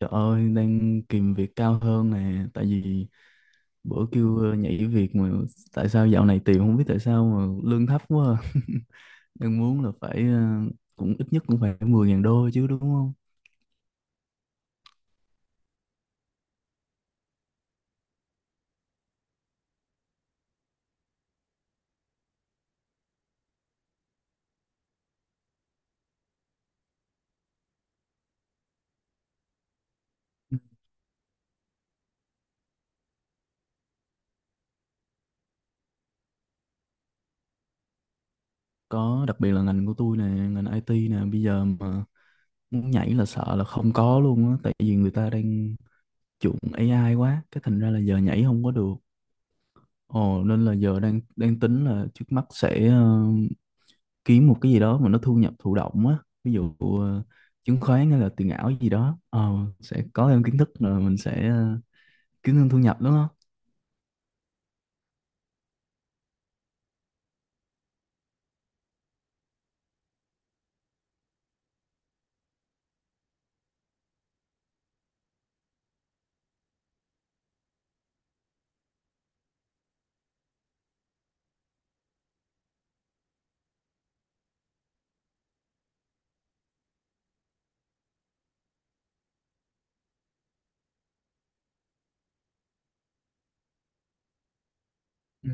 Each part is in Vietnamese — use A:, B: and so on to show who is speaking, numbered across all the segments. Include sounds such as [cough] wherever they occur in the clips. A: Trời ơi, đang kìm việc cao hơn nè, tại vì bữa kêu nhảy việc mà tại sao dạo này tìm không biết tại sao mà lương thấp quá. À. [laughs] Đang muốn là phải cũng ít nhất cũng phải 10.000 đô chứ đúng không? Có đặc biệt là ngành của tôi nè, ngành IT nè, bây giờ mà muốn nhảy là sợ là không có luôn á, tại vì người ta đang chuộng AI quá, cái thành ra là giờ nhảy không có được. Ồ nên là giờ đang đang tính là trước mắt sẽ kiếm một cái gì đó mà nó thu nhập thụ động á, ví dụ chứng khoán hay là tiền ảo gì đó, sẽ có thêm kiến thức rồi mình sẽ kiếm thêm thu nhập đúng không. Ừ.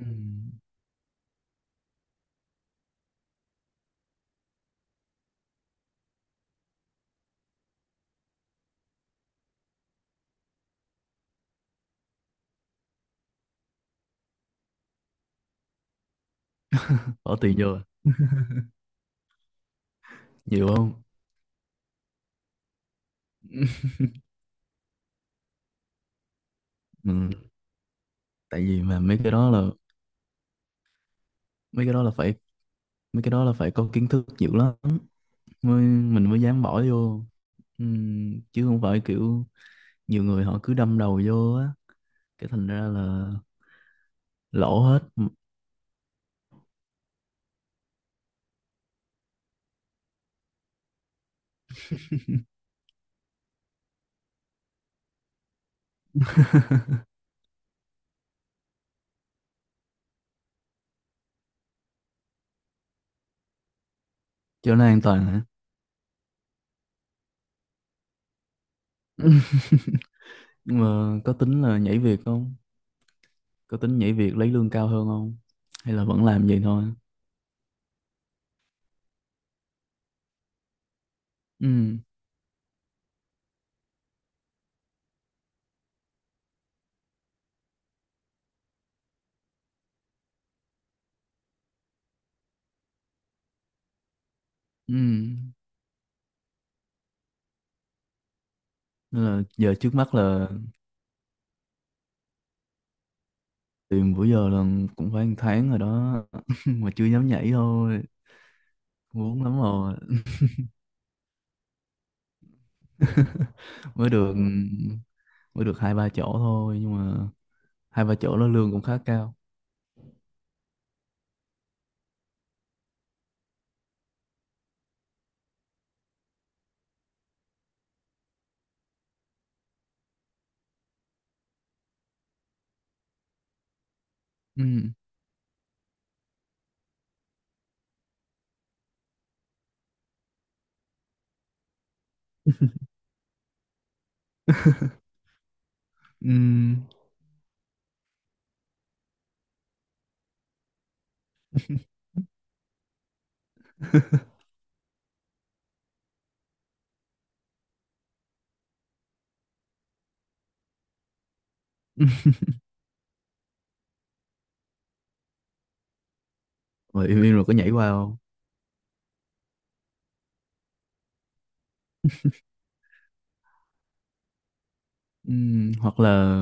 A: Bỏ tiền vô à? Nhiều không? [laughs] Mình, tại vì mà mấy cái đó là, mấy cái đó là phải, mấy cái đó là phải có kiến thức nhiều lắm mới, mình mới dám bỏ vô. Chứ không phải kiểu nhiều người họ cứ đâm đầu vô á, cái thành ra là lỗ hết. Cho nó an toàn hả? [laughs] Nhưng mà có tính là nhảy việc không? Có tính nhảy việc lấy lương cao hơn không? Hay là vẫn làm vậy thôi? Ừ, ừ. Nên là giờ trước mắt là tìm bữa giờ là cũng phải 1 tháng rồi đó. [laughs] Mà chưa dám nhảy thôi, muốn lắm rồi. [laughs] Mới được, mới được 2 3 chỗ thôi nhưng mà 2 3 chỗ đó lương cũng khá cao. Ừ. [laughs] Ừ. [laughs] Mà im im rồi có nhảy qua không? Ừ. Hoặc là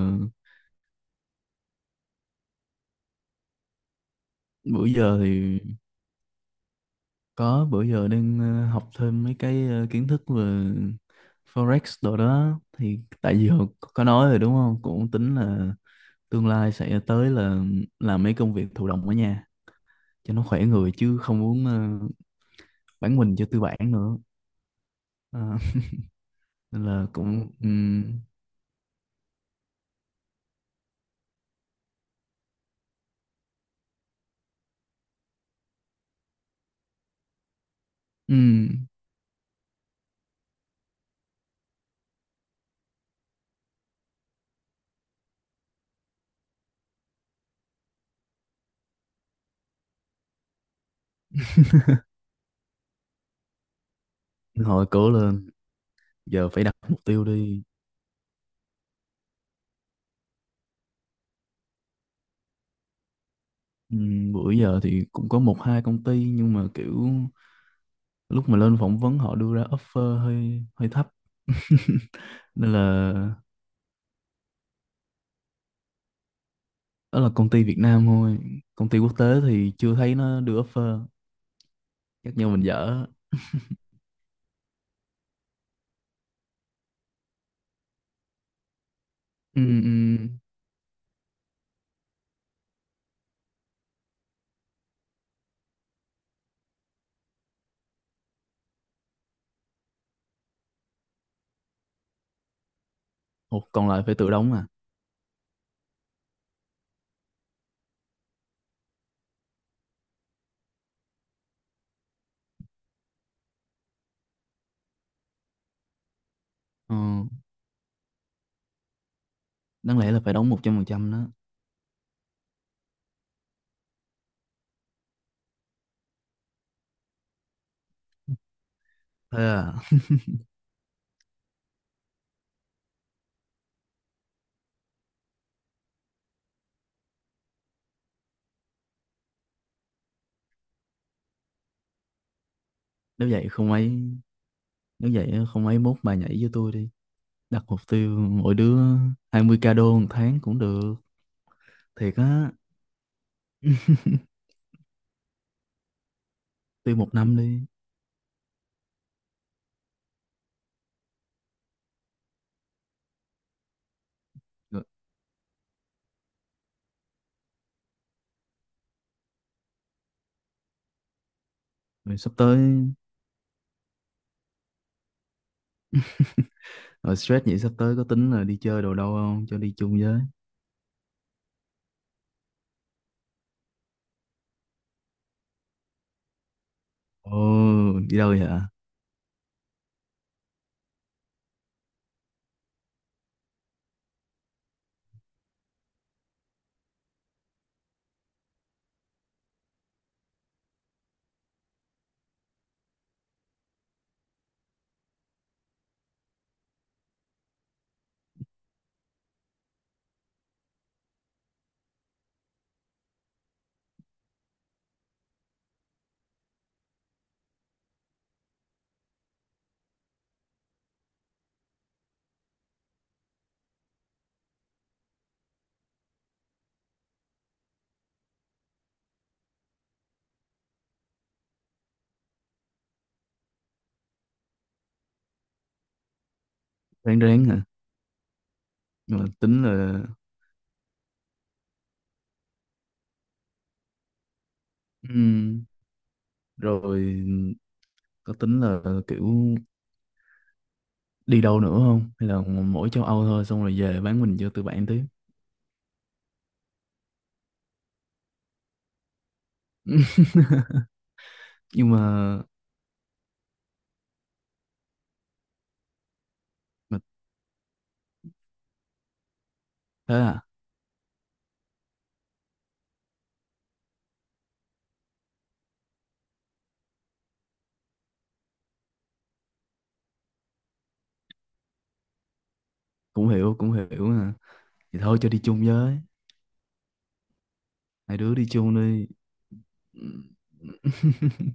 A: bữa giờ thì có, bữa giờ đang học thêm mấy cái kiến thức về Forex đồ đó thì tại vì hồi có nói rồi đúng không? Cũng tính là tương lai sẽ tới là làm mấy công việc thụ động ở nhà cho nó khỏe người chứ không muốn bán mình cho tư bản nữa. Ờ, nên là cũng ừm, hồi cố lên, giờ phải đặt mục tiêu đi. Bữa giờ thì cũng có 1 2 công ty nhưng mà kiểu lúc mà lên phỏng vấn họ đưa ra offer hơi hơi thấp. [laughs] Nên là đó là công ty Việt Nam thôi, công ty quốc tế thì chưa thấy nó đưa offer. Chắc do mình dở. Ừ, ừ. Ủa, còn lại phải tự đóng à? Ờ, đáng lẽ là phải đóng 100% đó. Thế à? [laughs] Nếu vậy không ấy, nếu vậy không ấy mốt bà nhảy với tôi đi, đặt mục tiêu mỗi đứa 20K đô 1 tháng cũng được. Thiệt á, tiêu 1 năm đi. Rồi, rồi sắp tới, rồi stress vậy sắp tới có tính là đi chơi đồ đâu không? Cho đi chung với. Ồ, đi đâu vậy hả? Ráng ráng hả? Rồi tính là... ừm, rồi có tính là kiểu đi đâu nữa không? Hay là mỗi châu Âu thôi xong rồi về bán mình cho tụi bạn tiếp. [laughs] Nhưng mà... mà thế à? Cũng hiểu hả? Thì thôi cho đi chung với. Hai đứa đi chung đi. [laughs]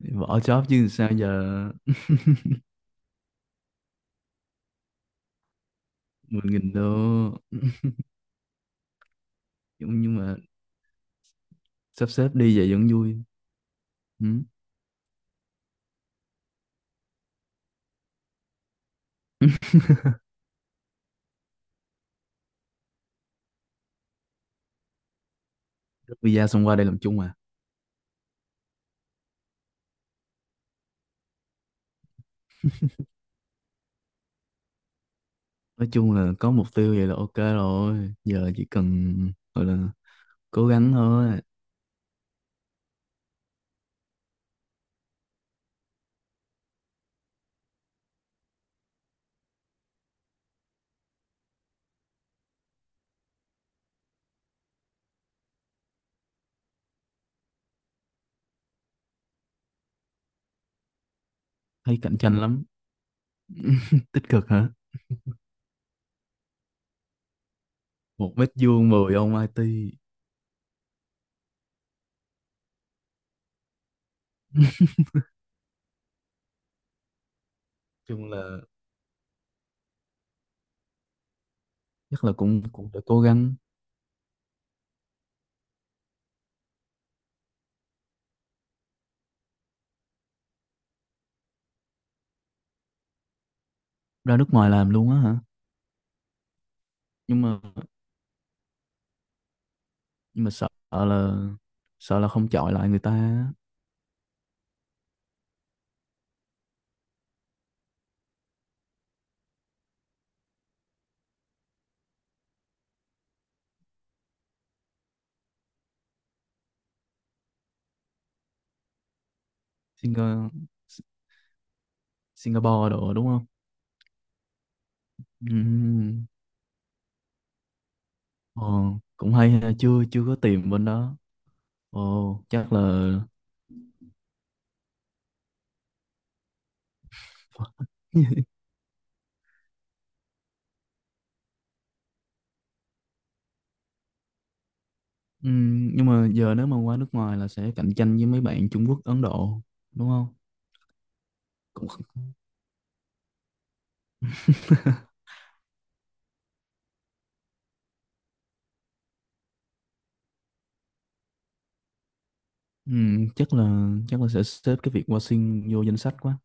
A: Bỏ job chứ sao giờ. 10.000 đô. Nhưng mà sắp xếp đi vậy vẫn vui. Ừ. Rút visa xong qua đây làm chung à? Nói chung là có mục tiêu vậy là ok rồi, giờ chỉ cần gọi là cố gắng thôi. Thấy cạnh tranh lắm. [laughs] Tích cực hả? 1 mét vuông 10 ông IT. [laughs] Chung là chắc là cũng cũng phải cố gắng. Ra nước ngoài làm luôn á hả? nhưng mà nhưng mà sợ là, sợ là không chọi lại người ta á. Singa, Singapore đồ đúng không? Ừm. Ồ, cũng hay ha, chưa chưa có tìm bên đó. Ồ chắc là. [laughs] Ừ, nhưng mà giờ nếu mà qua nước ngoài là sẽ cạnh tranh với mấy bạn Trung Quốc, Ấn Độ, đúng không? Cũng kh-, ừ, chắc là sẽ xếp cái việc qua sinh vô danh sách quá.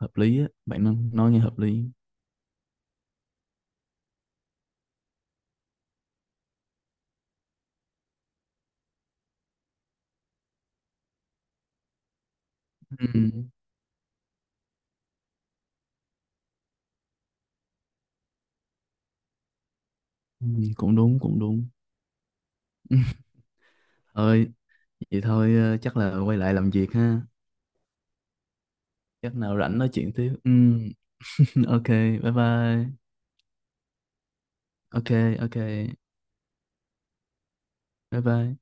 A: Hợp lý á bạn nói nghe hợp lý. Ừ, ừ, cũng đúng cũng đúng. [laughs] Ơi, vậy thôi chắc là quay lại làm việc ha. Chắc nào rảnh nói chuyện tiếp, ừ, [laughs] ok, bye bye. Ok ok, bye bye.